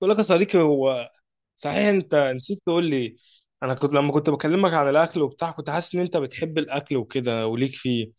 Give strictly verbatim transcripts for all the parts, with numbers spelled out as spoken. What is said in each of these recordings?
بقول لك يا صديقي، هو صحيح انت نسيت تقول لي؟ انا كنت لما كنت بكلمك عن الاكل وبتاع، كنت حاسس ان انت بتحب الاكل وكده وليك فيه،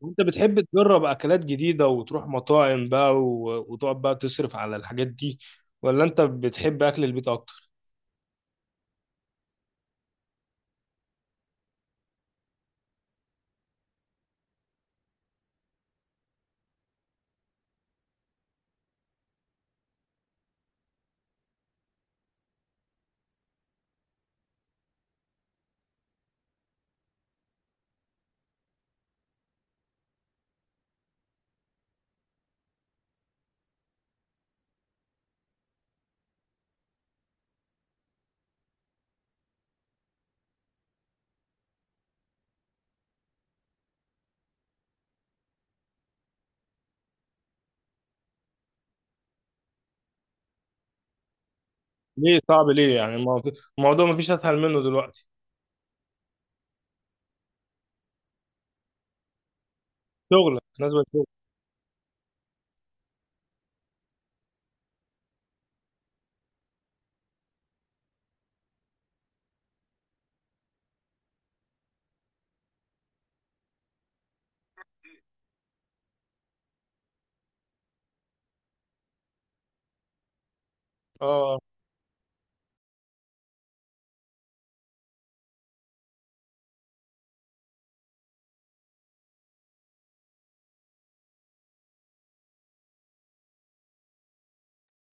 وانت بتحب تجرب اكلات جديدة وتروح مطاعم بقى و- وتقعد بقى تصرف على الحاجات دي، ولا انت بتحب اكل البيت اكتر؟ ليه صعب؟ ليه يعني الموضوع الموضوع مفيش اسهل منه دلوقتي. شغلك نازل شغل. اه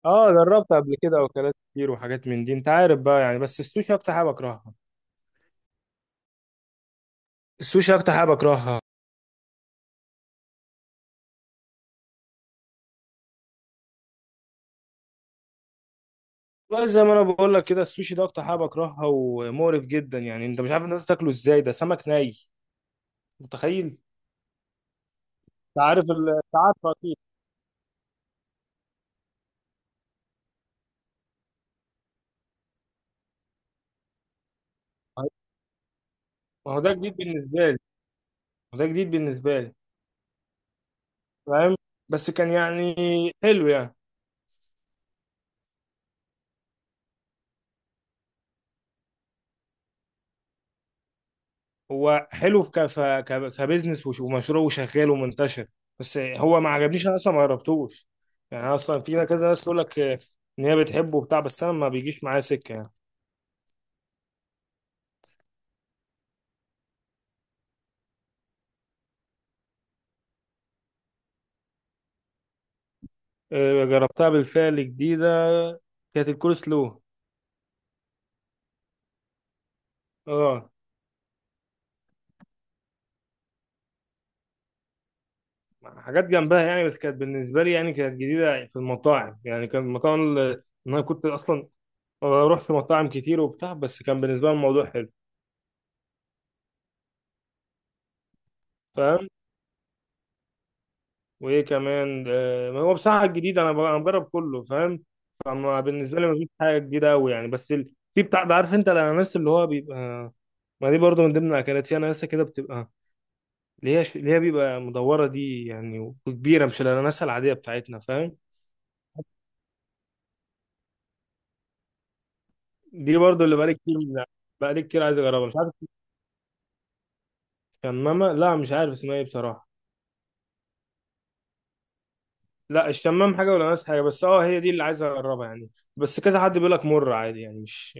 اه، جربت قبل كده اكلات كتير وحاجات من دي انت عارف بقى يعني، بس السوشي اكتر حاجة بكرهها. السوشي اكتر حاجه بكرهها. والله زي ما انا بقول لك كده، السوشي ده اكتر حاجه بكرهها، ومقرف جدا يعني. انت مش عارف الناس تاكله ازاي؟ ده سمك ني، متخيل انت؟ عارف ال- انت عارفه اكيد. ما هو ده جديد بالنسبه لي، ما هو ده جديد بالنسبه لي، فاهم؟ بس كان يعني حلو يعني. هو حلو ك... ف- ك... كبزنس وش- ومشروع وشغال ومنتشر، بس هو ما عجبنيش، انا اصلا ما جربتوش يعني. أنا اصلا في كذا ناس تقول لك آه، ان هي بتحبه وبتاع، بس انا ما بيجيش معايا سكه يعني. آه، جربتها بالفعل جديده، كانت الكول سلو. اه، حاجات جنبها يعني، بس كانت بالنسبه لي يعني كانت جديده في المطاعم. يعني كان المطاعم اللي، إن انا كنت اصلا بروح في مطاعم كتير وبتاع، بس كان بالنسبه لي الموضوع حلو، فاهم؟ وايه كمان؟ آه، ما هو بصراحه الجديد انا ب- أنا بجرب كله، فاهم؟ فما بالنسبه لي مفيش حاجه جديده قوي يعني. بس ال- في بتاع ده، عارف انت الاناناس اللي هو بيبقى، ما دي برضو من ضمن الاكلات، في اناناسه كده بتبقى، اللي هي ش- اللي هي بيبقى مدوره دي يعني، وكبيره، مش الاناناسه العاديه بتاعتنا، فاهم؟ دي برضو اللي بقالي كتير، بقالي كتير عايز اجربها، مش عارف. شمامة؟ لا مش عارف اسمها ايه بصراحة. لا، الشمام حاجة والأناناس حاجة، بس اه هي دي اللي عايز أجربها يعني. بس كذا حد بيقول لك مر عادي يعني مش.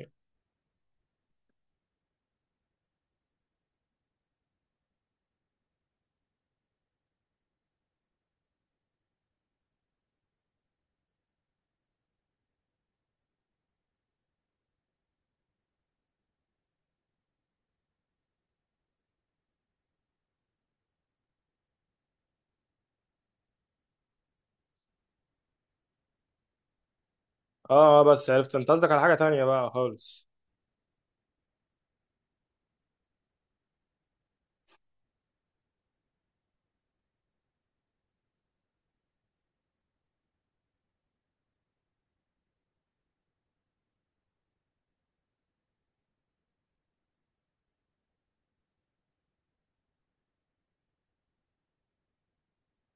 اه آه، بس عرفت انت، قصدك على حاجة تانية بقى خالص.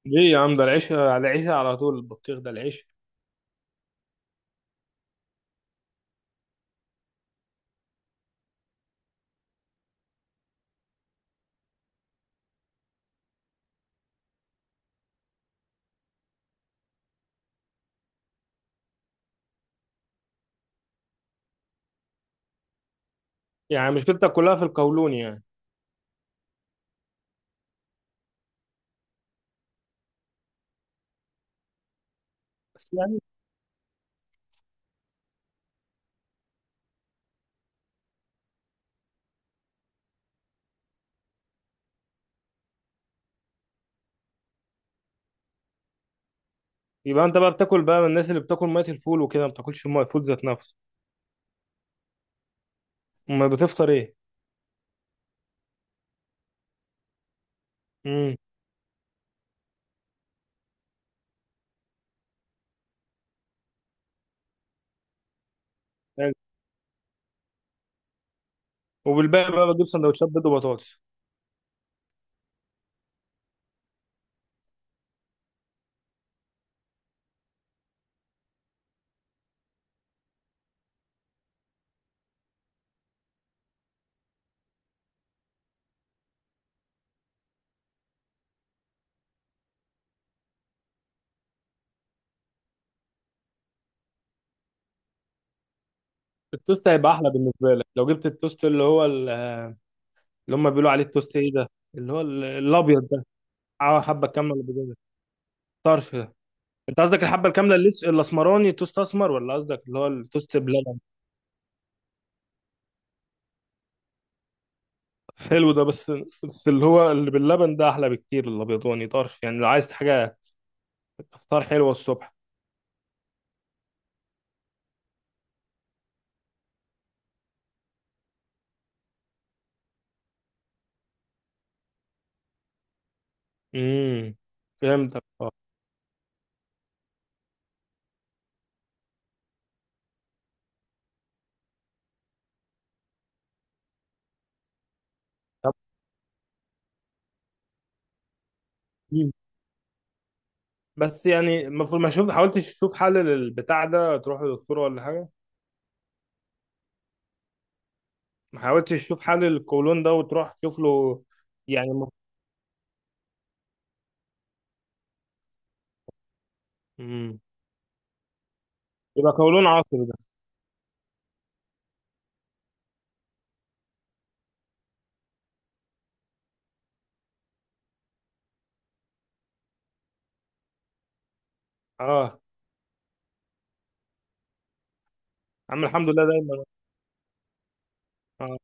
ليه يا عم؟ ده العيش على العيش على طول، البطيخ ده العيش. يعني مشكلتك كلها في القولون يعني؟ بس يعني. يبقى انت بقى بتاكل بقى من الناس اللي بتاكل مية الفول وكده، ما بتاكلش مية الفول ذات نفسه؟ امال بتفطر ايه؟ امم. حلو. وبالباقي بقى بتجيب سندوتشات بيض وبطاطس. التوست هيبقى احلى بالنسبة لك لو جبت التوست اللي هو، اللي هم بيقولوا عليه التوست ايه ده، اللي هو ال- الابيض ده. اه حبه كامله اللي بيجي طرف ده. انت قصدك الحبه الكامله اللي لس- الاسمراني، توست اسمر، ولا قصدك اللي هو التوست بلبن؟ حلو ده، بس بس اللي هو اللي باللبن ده احلى بكتير، الابيضاني طرف، يعني لو عايز حاجه افطار حلوه الصبح. امم، فهمتك اه. طب مم. بس يعني المفروض، ما شوف حاولتش تشوف حل للبتاع ده، تروح لدكتور ولا حاجه؟ ما حاولتش تشوف حل للقولون ده وتروح تشوف له يعني؟ مم. يبقى قولون عصبي ده. اه عم، الحمد لله دايما. آه.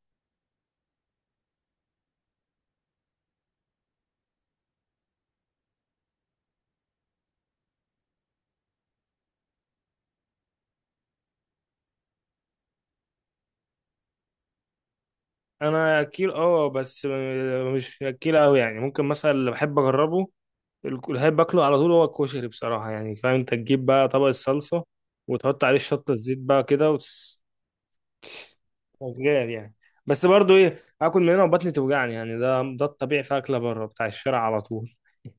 انا اكيل اه، بس آه، مش اكيل قوي يعني. ممكن مثلا اللي بحب اجربه، الك- اللي بحب اكله على طول هو الكشري بصراحه يعني، فاهم؟ انت تجيب بقى طبق الصلصه وتحط عليه شطه الزيت بقى كده وتس- شغال يعني. بس برضو ايه، اكل من هنا وبطني توجعني يعني. ده ده الطبيعي في اكله بره بتاع الشارع على طول.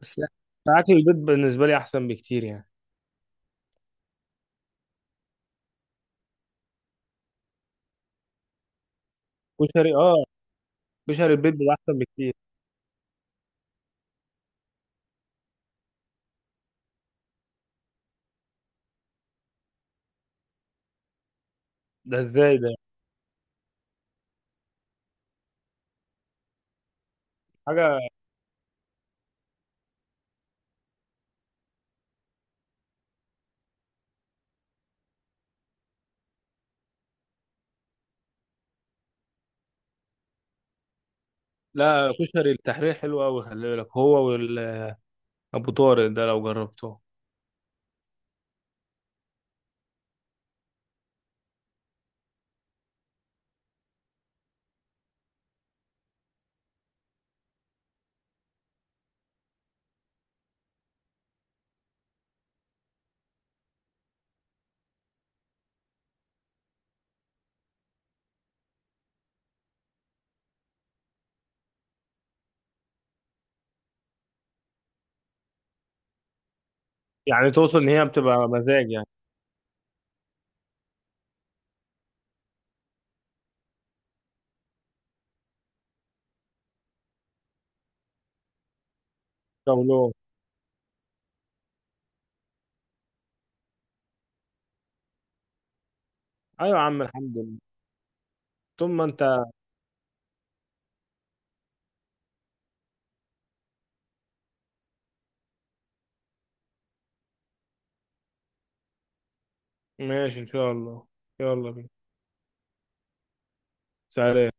بس اكل البيت بالنسبه لي احسن بكتير يعني. كشري اه، كشري البيت ده احسن بكتير. ده ازاي ده؟ حاجه. لا، كشري التحرير حلو قوي، خلي بالك، هو وابو طارق ده لو جربته. يعني توصل ان هي بتبقى مزاج يعني. شاولو. ايوه يا عم، الحمد لله. ثم انت. ماشي ان شاء الله. يلا بينا. سلام.